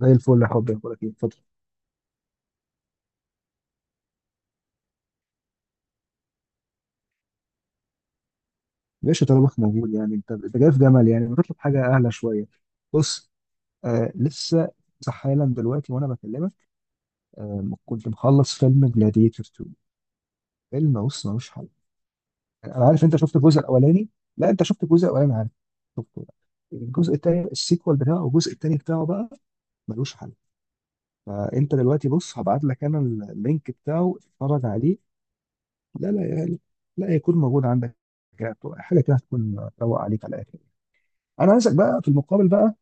زي الفل يا حبيبي، اخبارك ايه؟ اتفضل. ليش طلبك موجود؟ يعني انت جاي في جمل، يعني بطلب حاجه اعلى شويه. بص، آه لسه. لسه حالا دلوقتي وانا بكلمك. كنت مخلص فيلم جلاديتور 2. فيلم، بص، ملوش حل. انا عارف انت شفت الجزء الاولاني. لا، انت شفت الجزء الاولاني؟ عارف شفته. الجزء الثاني، السيكوال بتاعه، والجزء الثاني بتاعه بقى ملوش حل. فانت دلوقتي بص، هبعت لك انا اللينك بتاعه، اتفرج عليه. لا لا يعني، لا يكون موجود عندك. حاجه كده هتكون روق عليك على الاخر. انا عايزك بقى في المقابل بقى.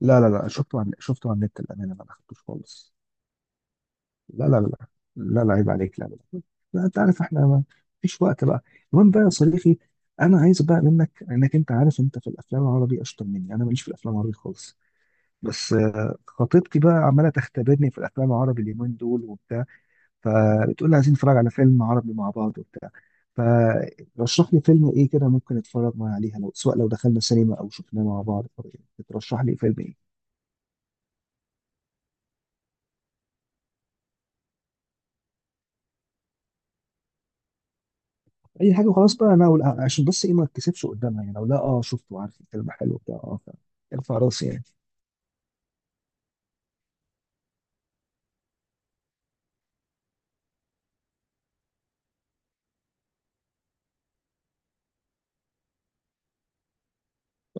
لا، شفته، عن شفته على النت، الامانه ما خدتوش خالص. لا، لا عيب عليك، لا. لا، انت عارف احنا ما فيش وقت بقى. المهم بقى يا صديقي، انا عايز بقى منك، انك انت عارف انت في الافلام العربي اشطر مني، انا ماليش في الافلام العربي خالص. بس خطيبتي بقى عماله تختبرني في الافلام العربي اليومين دول وبتاع. فبتقول لي عايزين نتفرج على فيلم عربي مع بعض وبتاع. فرشح لي فيلم ايه كده ممكن اتفرج معاه عليها، لو سواء لو دخلنا سينما او شفناه مع بعض. ترشح لي فيلم ايه؟ اي حاجه وخلاص بقى. انا أقول- آه، عشان بس ايه ما اتكسفش قدامها، يعني لو لا اه شفته، عارف الفيلم حلو بتاع، ارفع راسي يعني.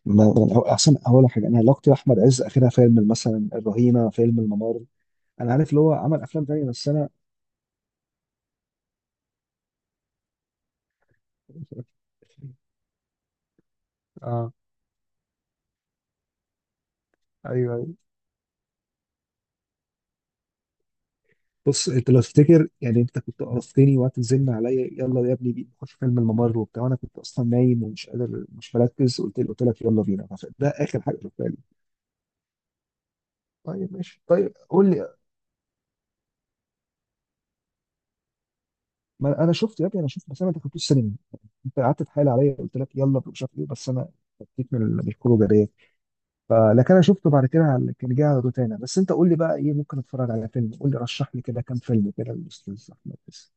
احسن اول حاجه، انا علاقتي باحمد عز اخرها فيلم مثلا الرهينه، فيلم الممر. انا عارف اللي هو عمل افلام تانيه بس انا اه. ايوه ايوه. بص، انت لو تفتكر يعني، انت كنت قرفتني وقت تزن عليا يلا يا ابني بينا نخش فيلم الممر وبتاع، وانا كنت اصلا نايم ومش قادر، مش مركز، قلت لك يلا بينا. ده اخر حاجه شفتها لي. طيب ماشي، طيب قول لي. ما انا شفت يا ابني، انا شفت بس انا ما دخلتوش السينما. انت قعدت تحايل عليا، قلت لك يلا مش عارف ايه بس انا فكيت من الخروجه ديت. فلكن انا شفته بعد كده كان جاي على روتانا. بس انت قول لي بقى ايه ممكن اتفرج على فيلم، قول لي رشح لي كده كام فيلم كده الاستاذ احمد بس.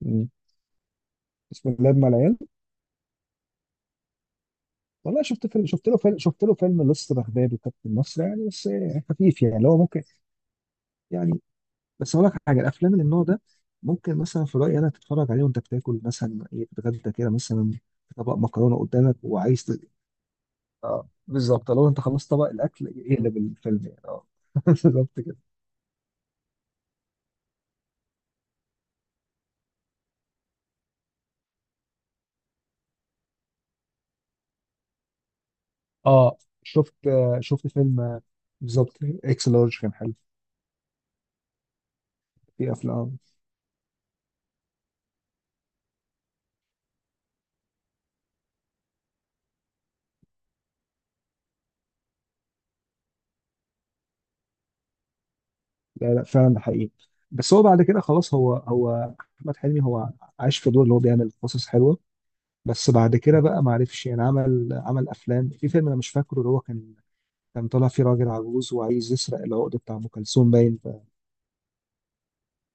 مم. بسم الله الرحمن الرحيم. والله شفت فيلم، شفت له فيلم لص بغداد وكابتن مصر يعني. بس إيه، خفيف يعني، اللي هو ممكن يعني. بس اقول لك حاجه، الافلام اللي من النوع ده ممكن مثلا في رايي انا تتفرج عليه وانت بتاكل مثلا، ايه، بتتغدى كده مثلا، طبق مكرونه قدامك وعايز. اه بالظبط، لو انت خلصت طبق الاكل اقلب الفيلم يعني، اه. بالظبط كده. اه شفت فيلم. بالظبط. اكس لارج كان حلو. في افلام. لا لا فعلا، ده حقيقي. بس هو بعد كده خلاص، هو احمد حلمي، هو عايش في دور اللي هو بيعمل قصص حلوه. بس بعد كده بقى ما عرفش يعني، عمل افلام، في فيلم انا مش فاكره اللي هو كان، كان طالع فيه راجل عجوز وعايز يسرق العقد بتاع ام كلثوم باين.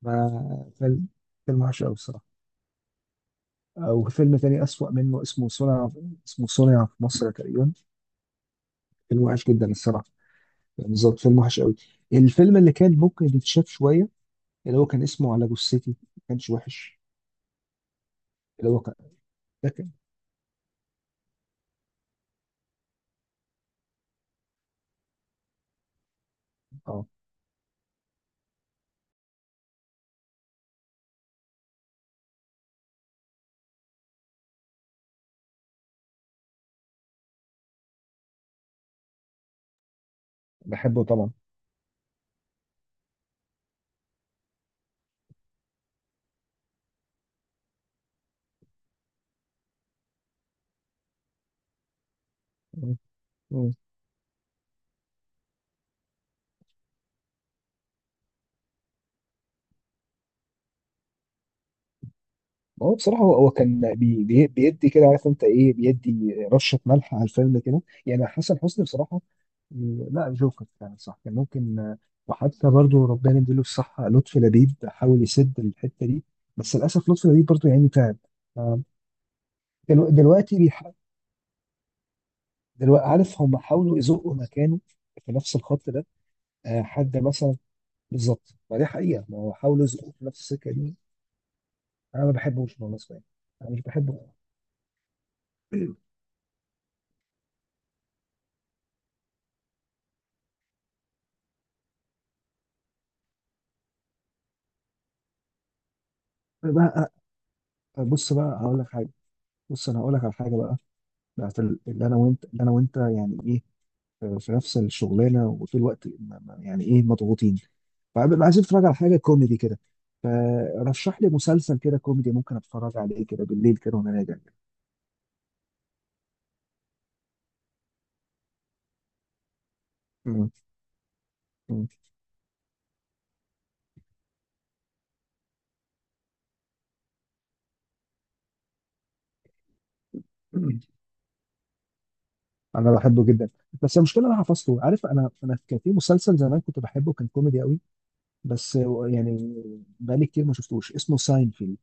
فما فيلم فيلم وحش قوي الصراحه. وفيلم تاني أسوأ منه، اسمه صنع، اسمه صنع في مصر تقريبا. فيلم وحش جدا الصراحة، يعني بالظبط فيلم وحش قوي. الفيلم اللي كان ممكن يتشاف شوية، اللي هو كان اسمه على جثتي، ما كانش وحش. اللي هو كان، ده كان. اه بحبه طبعا. مم. مم. هو بصراحة، هو كان بيدي كده، عارف انت ايه، بيدي رشة ملح على الفيلم كده، يعني حسن حسني بصراحة. لا جوكر يعني، صح، كان ممكن. وحتى برضو ربنا يديله الصحة لطفي لبيب حاول يسد الحتة دي، بس للأسف لطفي لبيب برضو يعني تعب. آه، دلو- دلوقتي بيح... دلوقتي عارف هم حاولوا يزقوا مكانه في نفس الخط ده. حد مثلا. بالظبط، ما دي حقيقة، ما هو حاولوا يزقوه في نفس السكة دي. أنا ما بحبوش بالمناسبة يعني، أنا مش بحبه. بقى، بص بقى هقول لك حاجة. بص أنا هقول لك على حاجة بقى. بتاعت اللي أنا وأنت، يعني إيه، في نفس الشغلانه وطول الوقت يعني ايه، مضغوطين. فببقى عايزين اتفرج على حاجه كوميدي كده، فرشح لي مسلسل كده كوميدي ممكن اتفرج عليه كده بالليل كده وانا راجع. مم. مم. انا بحبه جدا، بس المشكله انا حفظته، عارف؟ انا كان في مسلسل زمان كنت بحبه، كان كوميدي قوي. بس هو يعني بقالي كتير ما شفتوش، اسمه ساينفيلد.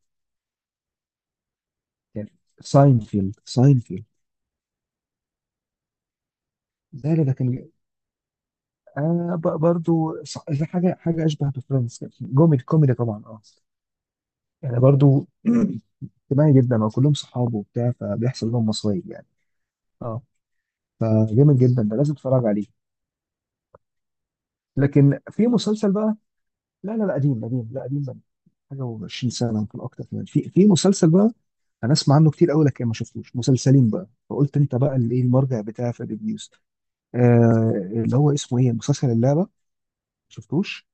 كان، ساينفيلد، ساينفيلد. ده اللي ده كان حاجه، حاجه اشبه بفريندز كده. جوميدي، كوميدي طبعا اه. يعني برضو اجتماعي جدا وكلهم صحابه وبتاع، فبيحصل لهم مصايب يعني. اه، فجامد جدا، ده لازم تتفرج عليه. لكن في مسلسل بقى. لا، قديم قديم، لا قديم بقى. حاجه و20 سنه يمكن اكتر كمان. في مسلسل بقى انا اسمع عنه كتير قوي لكن ما شفتوش، مسلسلين بقى، فقلت انت بقى اللي ايه المرجع بتاعي في الريفيوز. آه، اللي هو اسمه ايه، مسلسل اللعبه ما شفتوش.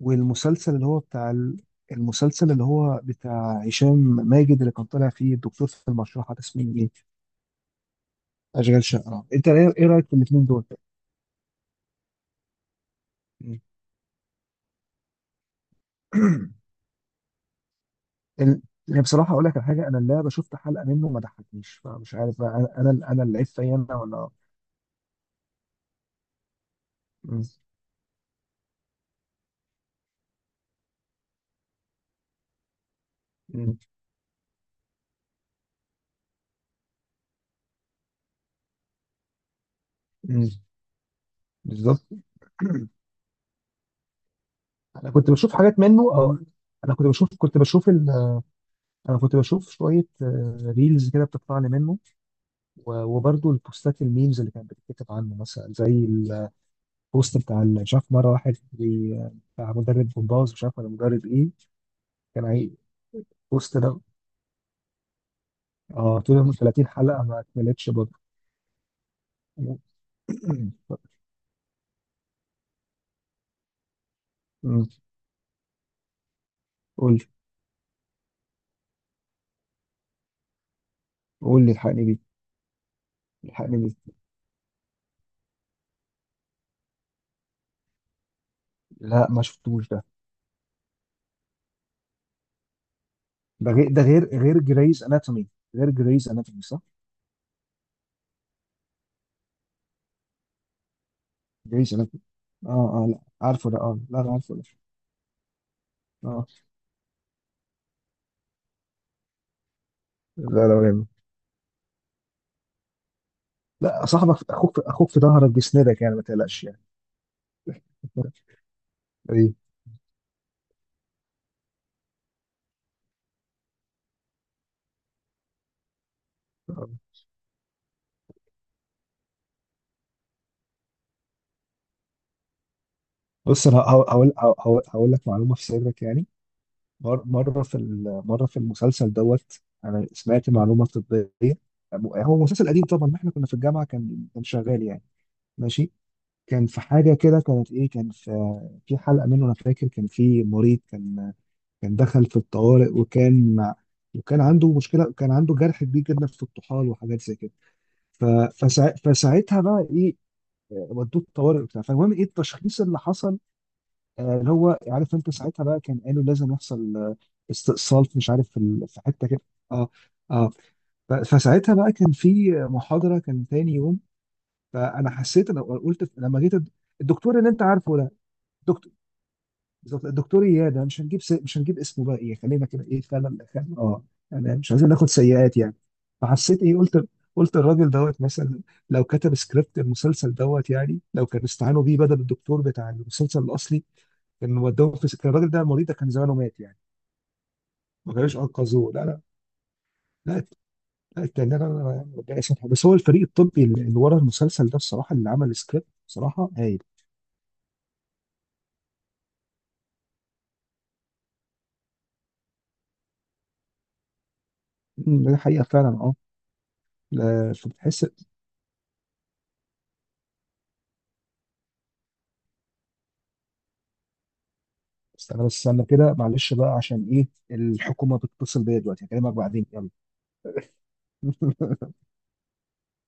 والمسلسل اللي هو بتاع المسلسل اللي هو بتاع هشام ماجد، اللي كان طالع فيه الدكتور في المشرحه ده، اسمه ايه؟ اشغال شقه. انت ايه، إيه رايك في الاثنين دول؟ مم. ال- يعني بصراحه اقول لك على حاجه، انا اللعبه شفت حلقه منه ما ضحكنيش، فمش عارف بقى، انا اللي عيب فيا انا، ولا. مم. مم. مم. بالظبط. انا كنت بشوف حاجات منه، او انا كنت بشوف كنت بشوف ال... انا كنت بشوف شويه ريلز كده بتطلع لي منه، و- وبرضه البوستات، الميمز اللي كانت بتتكتب عنه، مثلا زي البوست بتاع مش عارف مره واحد بتاع مدرب جمباز، مش عارف ولا مدرب ايه، كان عايز. بوست ده، اه، طول من 30 حلقه ما كملتش برضه. مم. مم. قول لي، قول لي الحقني بيه، الحقني بيه. لا ما شفتوش ده. ده غير، ده غير جريز اناتومي، غير جريز اناتومي صح؟ جريز اناتومي اه. اه لا عارفه ده، اه لا انا عارفه ده. اه، لا لا جامد. لا صاحبك اخوك، في اخوك في ظهرك بيسندك يعني، ما تقلقش يعني. ايه. بص انا هقول لك معلومه في سرك يعني. مره في المسلسل دوت، انا سمعت معلومه طبيه. هو مسلسل قديم طبعا، ما احنا كنا في الجامعه، كان شغال يعني. ماشي. كان في حاجة كده، كانت إيه، كان في في حلقة منه، أنا فاكر كان في مريض، كان دخل في الطوارئ، وكان عنده مشكلة، كان عنده جرح كبير جدا في الطحال وحاجات زي كده. ف- فساعتها بقى إيه، ودوه الطوارئ وبتاع، فالمهم إيه التشخيص اللي حصل. اللي هو عارف أنت ساعتها بقى كان قالوا لازم يحصل استئصال مش عارف في في حتة كده. أه. أه. فساعتها بقى كان في محاضرة كان تاني يوم، فأنا حسيت، أنا قلت لما جيت الدكتور اللي أنت عارفه ده، دكتور بالظبط، الدكتور اياد. أنا مش مش هنجيب اسمه بقى، ايه خلينا كده، ايه فعلا فعلا اه. يعني مش عايزين ناخد سيئات يعني. فحسيت ايه، قلت، قلت الراجل دوت مثلا لو كتب سكريبت المسلسل دوت يعني، لو كان استعانوا بيه بدل الدكتور بتاع المسلسل الاصلي، كان ودوه في، كان الراجل ده، المريض ده كان زمانه مات يعني، ما كانوش انقذوه. لا لا. لا لا التاني ده أنا ربنا يسامحه، بس هو الفريق الطبي اللي ورا المسلسل ده بصراحه، اللي عمل السكريبت بصراحه هايل. أمم، ده حقيقه فعلا اه. لا، فبتحس. استنى بس، استنى كده معلش بقى، عشان ايه، الحكومة بتتصل بيا دلوقتي، هكلمك بعدين يلا.